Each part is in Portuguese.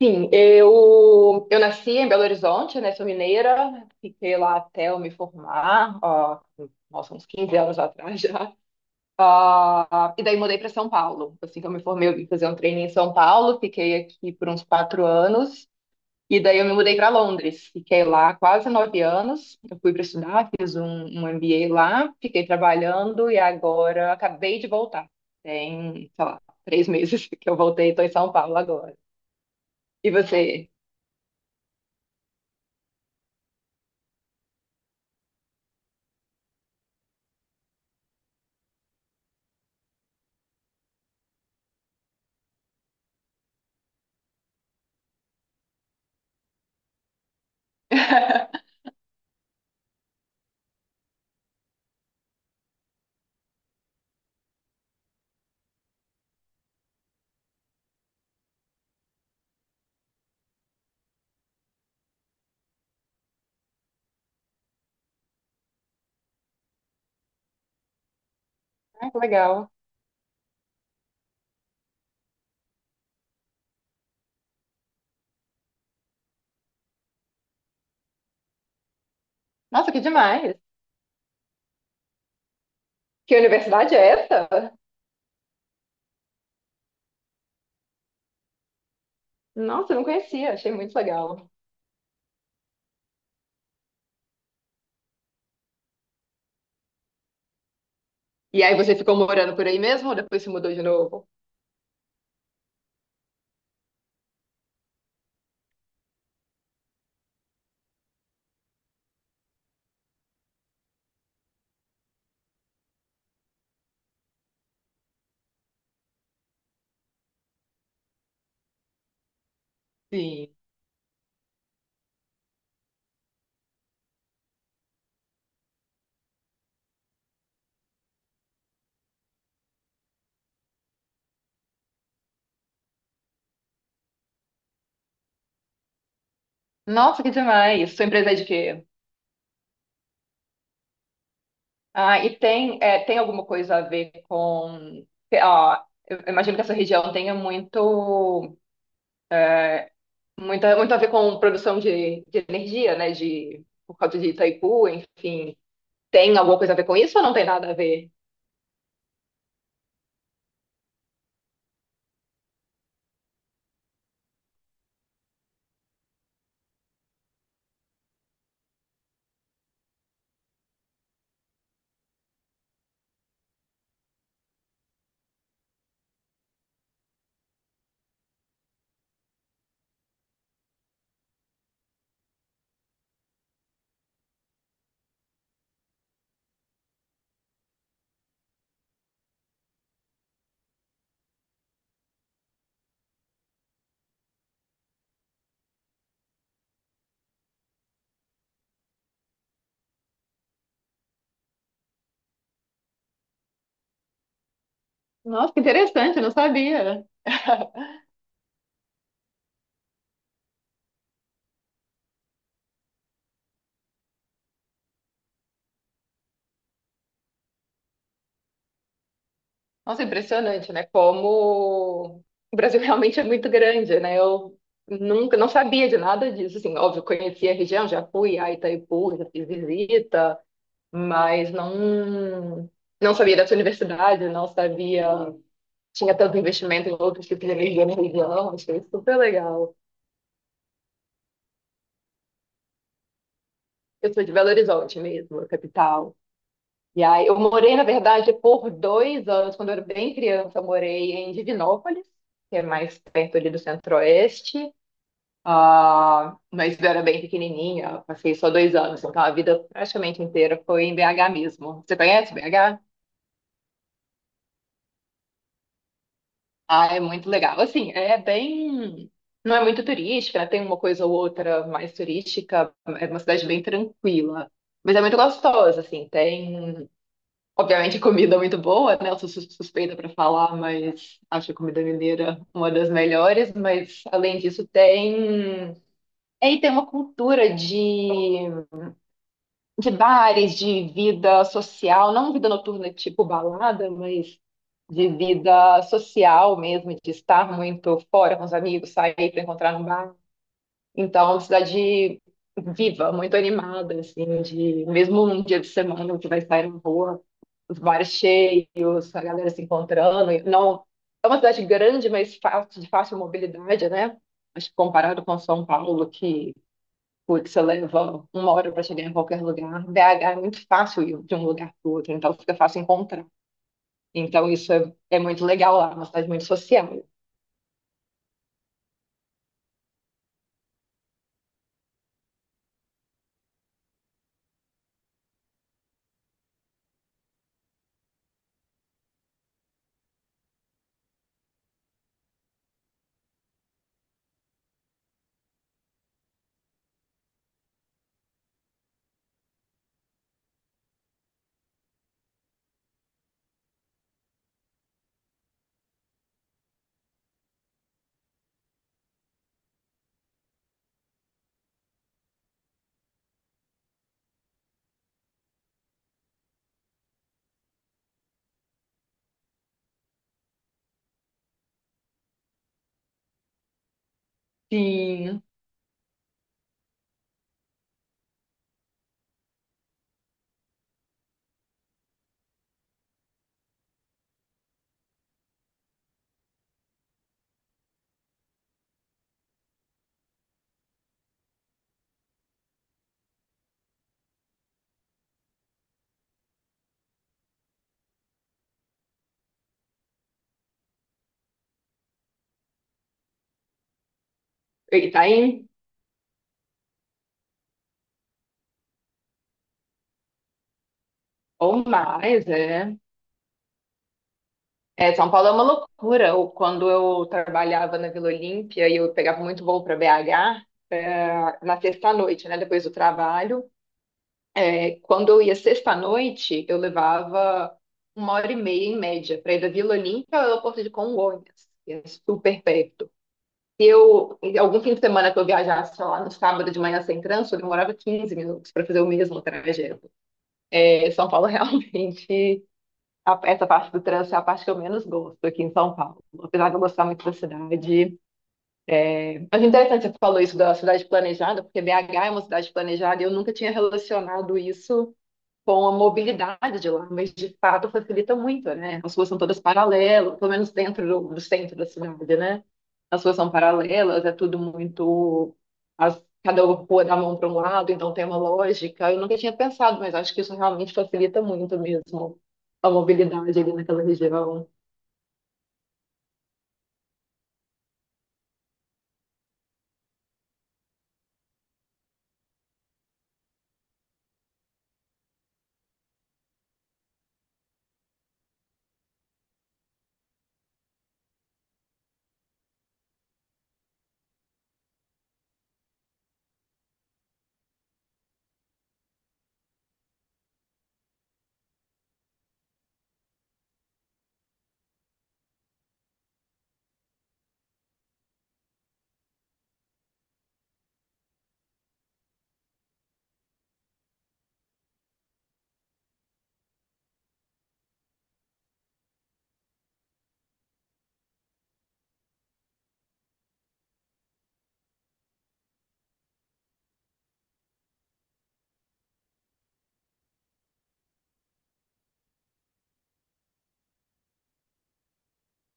Sim, eu nasci em Belo Horizonte, né? Sou mineira, fiquei lá até eu me formar, ó, nossa, uns 15 anos atrás já. Ah, e daí mudei para São Paulo. Assim que eu me formei, eu vim fazer um treino em São Paulo, fiquei aqui por uns 4 anos, e daí eu me mudei para Londres. Fiquei lá quase 9 anos. Eu fui para estudar, fiz um MBA lá, fiquei trabalhando e agora acabei de voltar. Tem, sei lá, 3 meses que eu voltei, estou em São Paulo agora. E você? Ah, que legal. Nossa, que demais. Que universidade é essa? Nossa, eu não conhecia, achei muito legal. E aí você ficou morando por aí mesmo ou depois se mudou de novo? Sim. Nossa, que demais. Sua empresa é de quê? Ah, e tem, é, tem alguma coisa a ver com. Ó, eu imagino que essa região tenha muito, muito, muito a ver com produção de energia, né? De, por causa de Itaipu, enfim. Tem alguma coisa a ver com isso ou não tem nada a ver? Nossa, que interessante, eu não sabia. Nossa, impressionante, né? Como o Brasil realmente é muito grande, né? Eu nunca, não sabia de nada disso, assim, óbvio, conhecia a região, já fui a Itaipu, já fiz visita, mas não sabia dessa universidade, não sabia, tinha tanto investimento em outros tipos de energia na região, achei super legal. Eu sou de Belo Horizonte mesmo, a capital. E aí, eu morei, na verdade, por 2 anos, quando eu era bem criança, eu morei em Divinópolis, que é mais perto ali do Centro-Oeste. Ah, mas eu era bem pequenininha, eu passei só 2 anos, então a vida praticamente inteira foi em BH mesmo. Você conhece BH? Ah, é muito legal. Assim, é bem. Não é muito turística, né? Tem uma coisa ou outra mais turística, é uma cidade bem tranquila. Mas é muito gostosa, assim. Tem, obviamente, comida muito boa, né? Eu sou suspeita para falar, mas acho a comida mineira uma das melhores. Mas, além disso, tem. E aí tem uma cultura de bares, de vida social, não vida noturna tipo balada, mas de vida social mesmo, de estar muito fora com os amigos, sair para encontrar um bar. Então, é uma cidade viva, muito animada, assim, de mesmo um dia de semana você vai sair na rua, os bares cheios, a galera se encontrando. Não, é uma cidade grande, mas fácil, de fácil mobilidade, né? Acho que comparado com São Paulo, que, putz, você leva 1 hora para chegar em qualquer lugar. BH é muito fácil ir de um lugar para o outro, então fica fácil encontrar. Então isso é, é muito legal lá, é uma cidade muito social. Sim. Itaim, ou mais, é. É, São Paulo é uma loucura. Quando eu trabalhava na Vila Olímpia e eu pegava muito voo para BH, é, na sexta-noite, né, depois do trabalho. Quando eu ia sexta-noite, eu levava 1 hora e meia em média para ir da Vila Olímpia ao aeroporto de Congonhas, que é super perto. Se eu, algum fim de semana que eu viajasse lá no sábado de manhã sem trânsito, eu demorava 15 minutos para fazer o mesmo trajeto. É, São Paulo realmente, essa parte do trânsito é a parte que eu menos gosto aqui em São Paulo. Apesar de eu gostar muito da cidade. Mas interessante você falou isso da cidade planejada, porque BH é uma cidade planejada e eu nunca tinha relacionado isso com a mobilidade de lá, mas de fato facilita muito, né? As ruas são todas paralelas, pelo menos dentro do centro da cidade, né? As ruas são paralelas, é tudo muito. Cada rua dá a mão para um lado, então tem uma lógica. Eu nunca tinha pensado, mas acho que isso realmente facilita muito mesmo a mobilidade ali naquela região.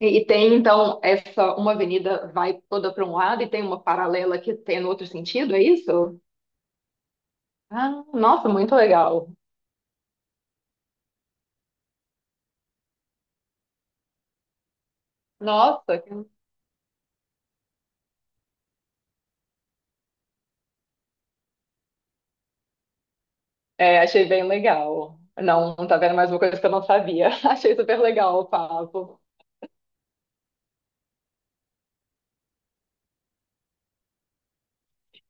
E tem, então, essa uma avenida vai toda para um lado e tem uma paralela que tem no outro sentido, é isso? Ah, nossa, muito legal. Nossa, achei bem legal. Não, tá vendo mais uma coisa que eu não sabia. Achei super legal o papo.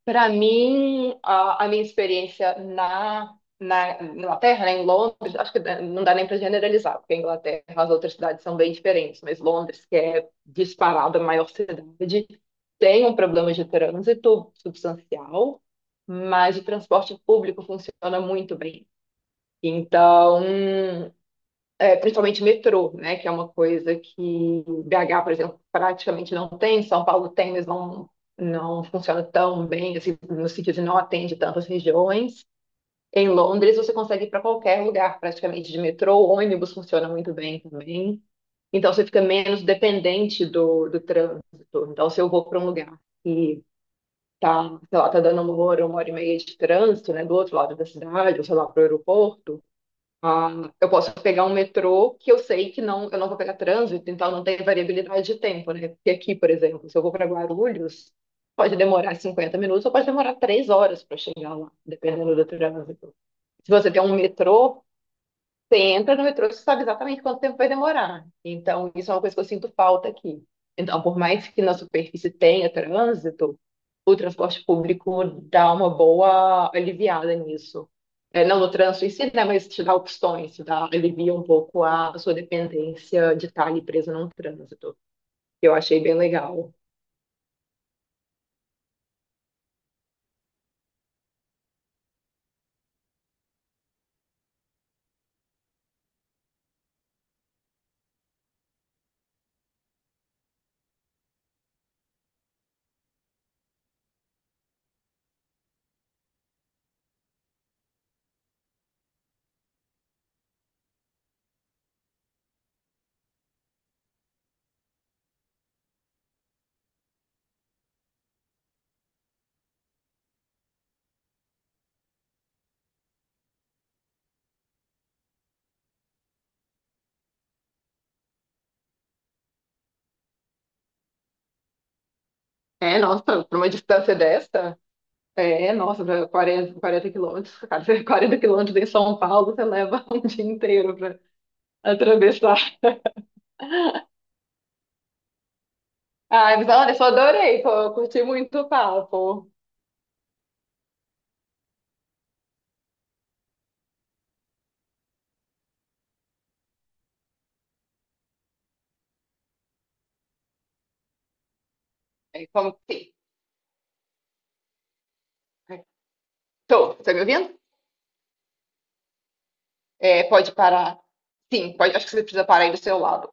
Para mim, a minha experiência na Inglaterra, né, em Londres, acho que não dá nem para generalizar, porque a Inglaterra, as outras cidades são bem diferentes, mas Londres, que é disparada a maior cidade, tem um problema de trânsito substancial, mas o transporte público funciona muito bem. Então, principalmente metrô, né? Que é uma coisa que BH, por exemplo, praticamente não tem, São Paulo tem, mas não, não funciona tão bem, assim, no sentido de não atende tantas regiões. Em Londres, você consegue ir para qualquer lugar, praticamente, de metrô, ônibus funciona muito bem também. Então, você fica menos dependente do trânsito. Então, se eu vou para um lugar e tá, sei lá, tá dando 1 hora, 1 hora e meia de trânsito, né, do outro lado da cidade, ou sei lá, para o aeroporto, ah, eu posso pegar um metrô que eu sei que não, eu não vou pegar trânsito, então não tem variabilidade de tempo, né? Porque aqui, por exemplo, se eu vou para Guarulhos, pode demorar 50 minutos ou pode demorar 3 horas para chegar lá, dependendo do trânsito. Se você tem um metrô, você entra no metrô, você sabe exatamente quanto tempo vai demorar. Então, isso é uma coisa que eu sinto falta aqui. Então, por mais que na superfície tenha trânsito, o transporte público dá uma boa aliviada nisso. É, não no trânsito em si, né, mas te dá opções, te dá, alivia um pouco a sua dependência de estar ali presa num trânsito. Eu achei bem legal. É, nossa, para uma distância dessa, é, nossa, pra 40, 40 quilômetros, cara, 40 quilômetros em São Paulo, você leva um dia inteiro para atravessar. Ai, mas olha, eu só adorei, pô, eu curti muito o papo. É, como que. Tô, tá me ouvindo? É, pode parar. Sim, pode, acho que você precisa parar aí do seu lado.